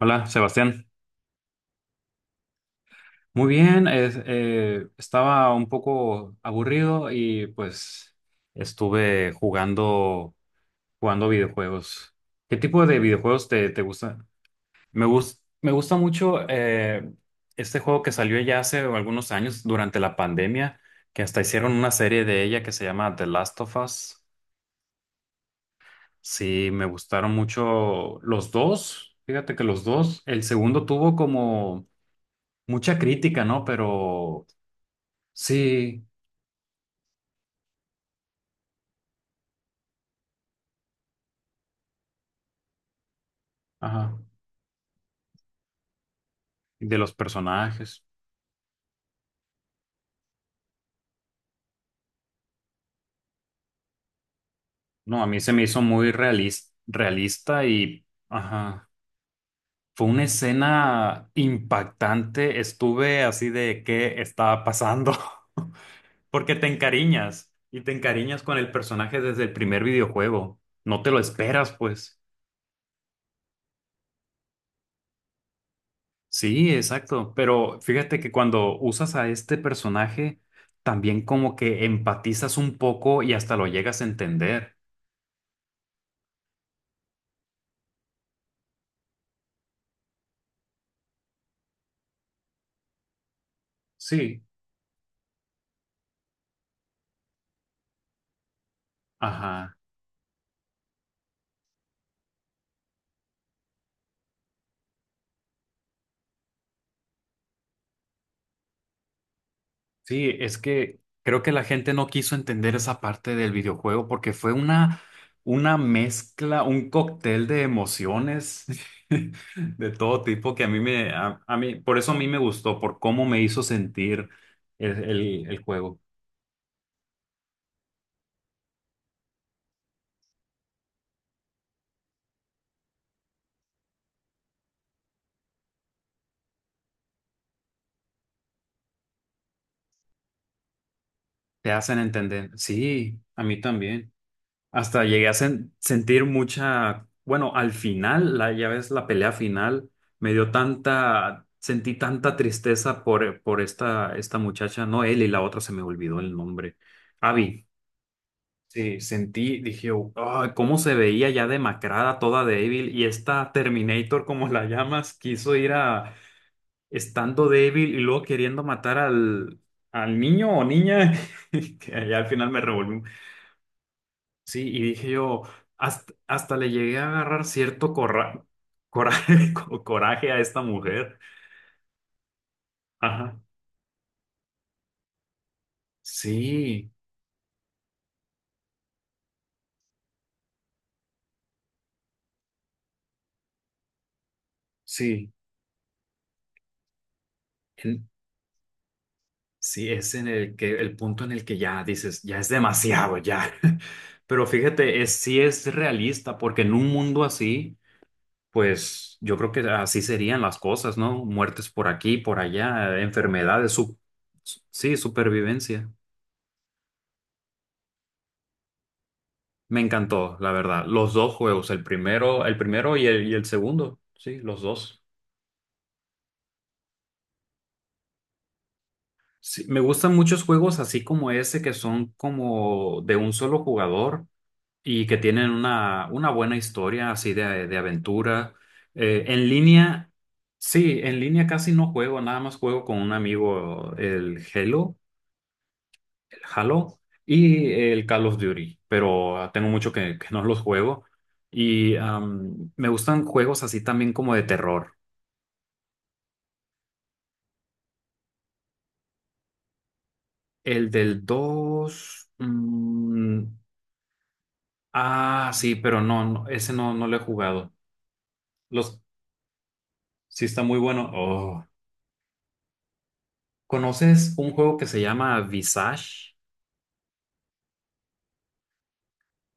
Hola, Sebastián. Muy bien, estaba un poco aburrido y pues estuve jugando, jugando videojuegos. ¿Qué tipo de videojuegos te gustan? Me gusta mucho este juego que salió ya hace algunos años durante la pandemia, que hasta hicieron una serie de ella que se llama The Last of Us. Sí, me gustaron mucho los dos. Fíjate que los dos, el segundo tuvo como mucha crítica, ¿no? Pero sí, ajá. De los personajes. No, a mí se me hizo muy realista y, ajá. Fue una escena impactante. Estuve así de qué estaba pasando. Porque te encariñas y te encariñas con el personaje desde el primer videojuego. No te lo esperas, pues. Sí, exacto. Pero fíjate que cuando usas a este personaje, también como que empatizas un poco y hasta lo llegas a entender. Sí, ajá. Sí, es que creo que la gente no quiso entender esa parte del videojuego porque fue una mezcla, un cóctel de emociones de todo tipo que a mí me, a mí, por eso a mí me gustó, por cómo me hizo sentir el juego. Te hacen entender. Sí, a mí también. Hasta llegué a sentir mucha, bueno, al final, la, ya ves, la pelea final, me dio tanta, sentí tanta tristeza por esta muchacha, no él y la otra, se me olvidó el nombre. Abby, sí, sentí, dije, "Oh, "Ay, cómo se veía ya demacrada, toda débil, y esta Terminator, como la llamas, quiso ir a, estando débil y luego queriendo matar al niño o niña, que ya al final me revolvió. Sí, y dije yo, hasta le llegué a agarrar cierto coraje, coraje a esta mujer. Ajá. Sí, sí. En- sí, es en el que el punto en el que ya dices, ya es demasiado, ya. Pero fíjate, es, sí es realista, porque en un mundo así, pues yo creo que así serían las cosas, ¿no? Muertes por aquí, por allá, enfermedades, sí, supervivencia. Me encantó, la verdad. Los dos juegos, el primero y el segundo. Sí, los dos. Sí, me gustan muchos juegos así como ese que son como de un solo jugador y que tienen una buena historia así de aventura. En línea, sí, en línea casi no juego, nada más juego con un amigo el Halo, el Halo y el Call of Duty, pero ah, tengo mucho que no los juego. Y me gustan juegos así también como de terror. El del 2 sí, pero no, no, ese no, no lo he jugado. Los, sí está muy bueno. Oh. ¿Conoces un juego que se llama Visage?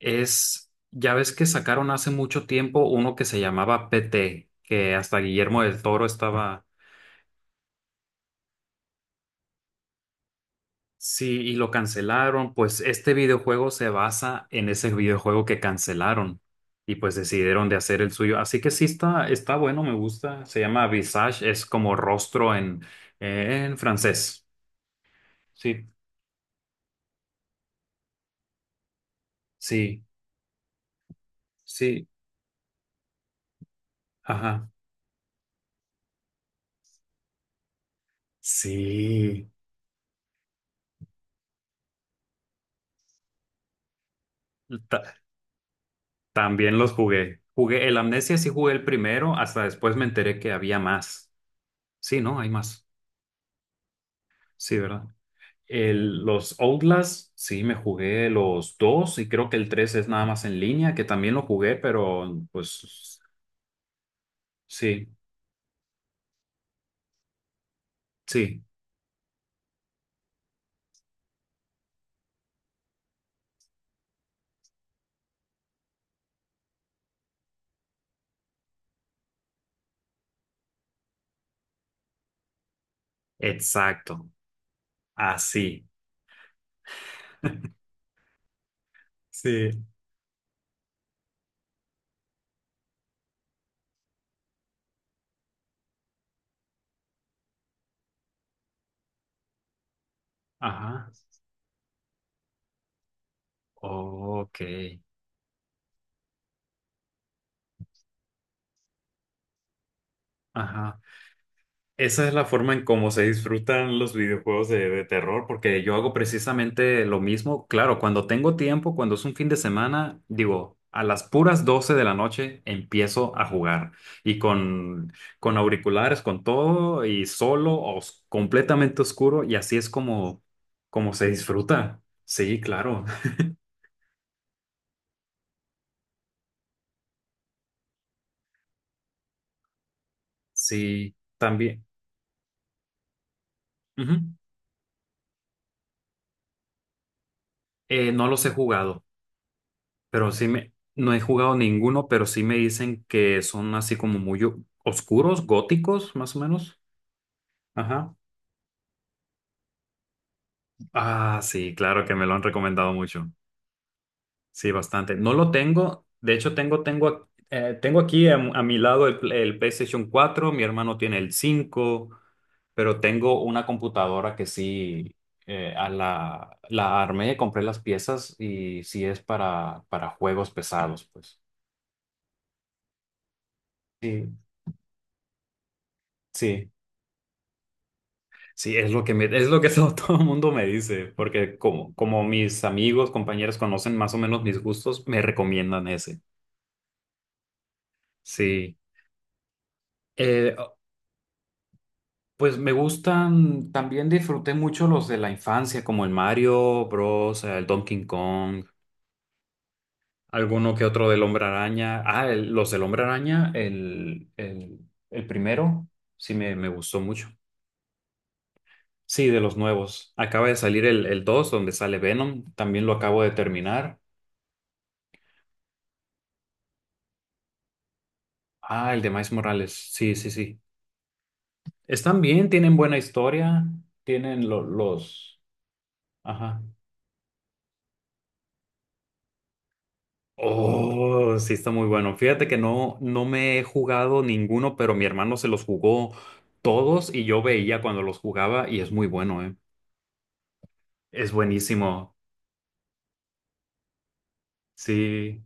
Ya ves que sacaron hace mucho tiempo uno que se llamaba PT, que hasta Guillermo del Toro estaba. Sí, y lo cancelaron. Pues este videojuego se basa en ese videojuego que cancelaron y pues decidieron de hacer el suyo. Así que sí está, bueno, me gusta. Se llama Visage, es como rostro en francés. Sí, sí, sí, ajá. Sí, Ta- también los jugué. Jugué el Amnesia, sí jugué el primero, hasta después me enteré que había más. Sí, ¿no? Hay más. Sí, ¿verdad? Los Outlast, sí, me jugué los dos y creo que el 3 es nada más en línea, que también lo jugué, pero pues sí, sí, exacto, así, sí, ajá, ok, ajá. Esa es la forma en cómo se disfrutan los videojuegos de terror, porque yo hago precisamente lo mismo. Claro, cuando tengo tiempo, cuando es un fin de semana, digo, a las puras 12 de la noche empiezo a jugar. Y con auriculares, con todo, y solo, completamente oscuro, y así es como se disfruta. Sí, claro. Sí, también. Ujú. No los he jugado. Pero no he jugado ninguno, pero sí me dicen que son así como muy oscuros, góticos, más o menos. Ajá. Ah, sí, claro que me lo han recomendado mucho. Sí, bastante. No lo tengo. De hecho, tengo aquí a mi lado el, el PlayStation 4, mi hermano tiene el 5, pero tengo una computadora que sí la armé, compré las piezas y sí es para juegos pesados, pues. Sí, sí. Sí, es lo que es lo que todo el mundo me dice, porque como, mis amigos, compañeros conocen más o menos mis gustos, me recomiendan ese. Sí. Eh, pues me gustan, también disfruté mucho los de la infancia, como el Mario Bros, el Donkey Kong, alguno que otro del Hombre Araña. Ah, los del Hombre Araña, el primero, sí me gustó mucho. Sí, de los nuevos. Acaba de salir el, 2 donde sale Venom, también lo acabo de terminar. Ah, el de Miles Morales. Sí, sí, sí. Están bien, tienen buena historia, tienen los... Ajá. Oh, sí, está muy bueno. Fíjate que no, me he jugado ninguno, pero mi hermano se los jugó todos y yo veía cuando los jugaba y es muy bueno, ¿eh? Es buenísimo. Sí.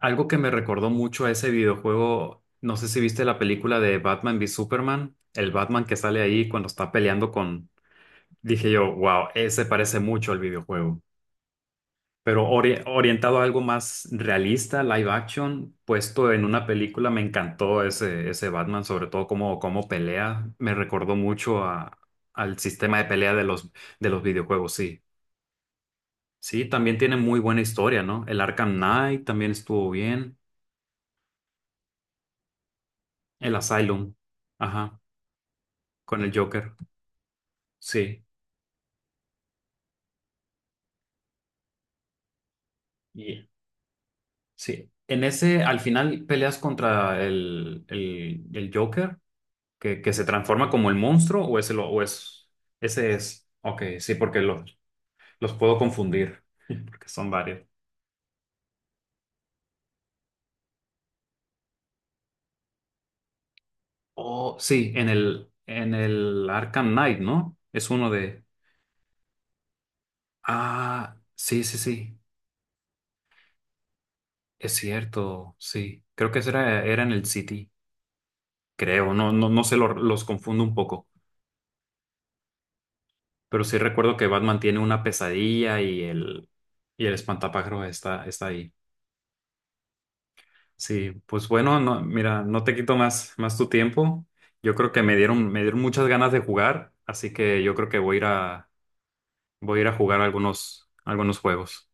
Algo que me recordó mucho a ese videojuego, no sé si viste la película de Batman v Superman, el Batman que sale ahí cuando está peleando con... Dije yo, wow, ese parece mucho al videojuego. Pero orientado a algo más realista, live action, puesto en una película, me encantó ese Batman, sobre todo cómo, pelea, me recordó mucho al sistema de pelea de los, videojuegos, sí. Sí, también tiene muy buena historia, ¿no? El Arkham Knight también estuvo bien, el Asylum, ajá, con el Joker, sí. Y- Sí, en ese al final peleas contra el Joker que se transforma como el monstruo o ese, lo, o es, ese es. Ok, sí, porque los, puedo confundir, porque son varios. Oh, sí, en el, Arkham Knight, ¿no? Es uno de... Ah, sí, sí, sí, es cierto, sí. Creo que ese era en el City, creo, no, no, no sé, los confundo un poco, pero sí recuerdo que Batman tiene una pesadilla y el espantapájaros está ahí. Sí, pues bueno, no, mira, no te quito más tu tiempo. Yo creo que me dieron muchas ganas de jugar, así que yo creo que voy a ir a jugar algunos juegos.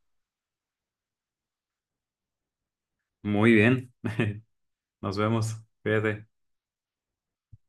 Muy bien, nos vemos. Cuídate.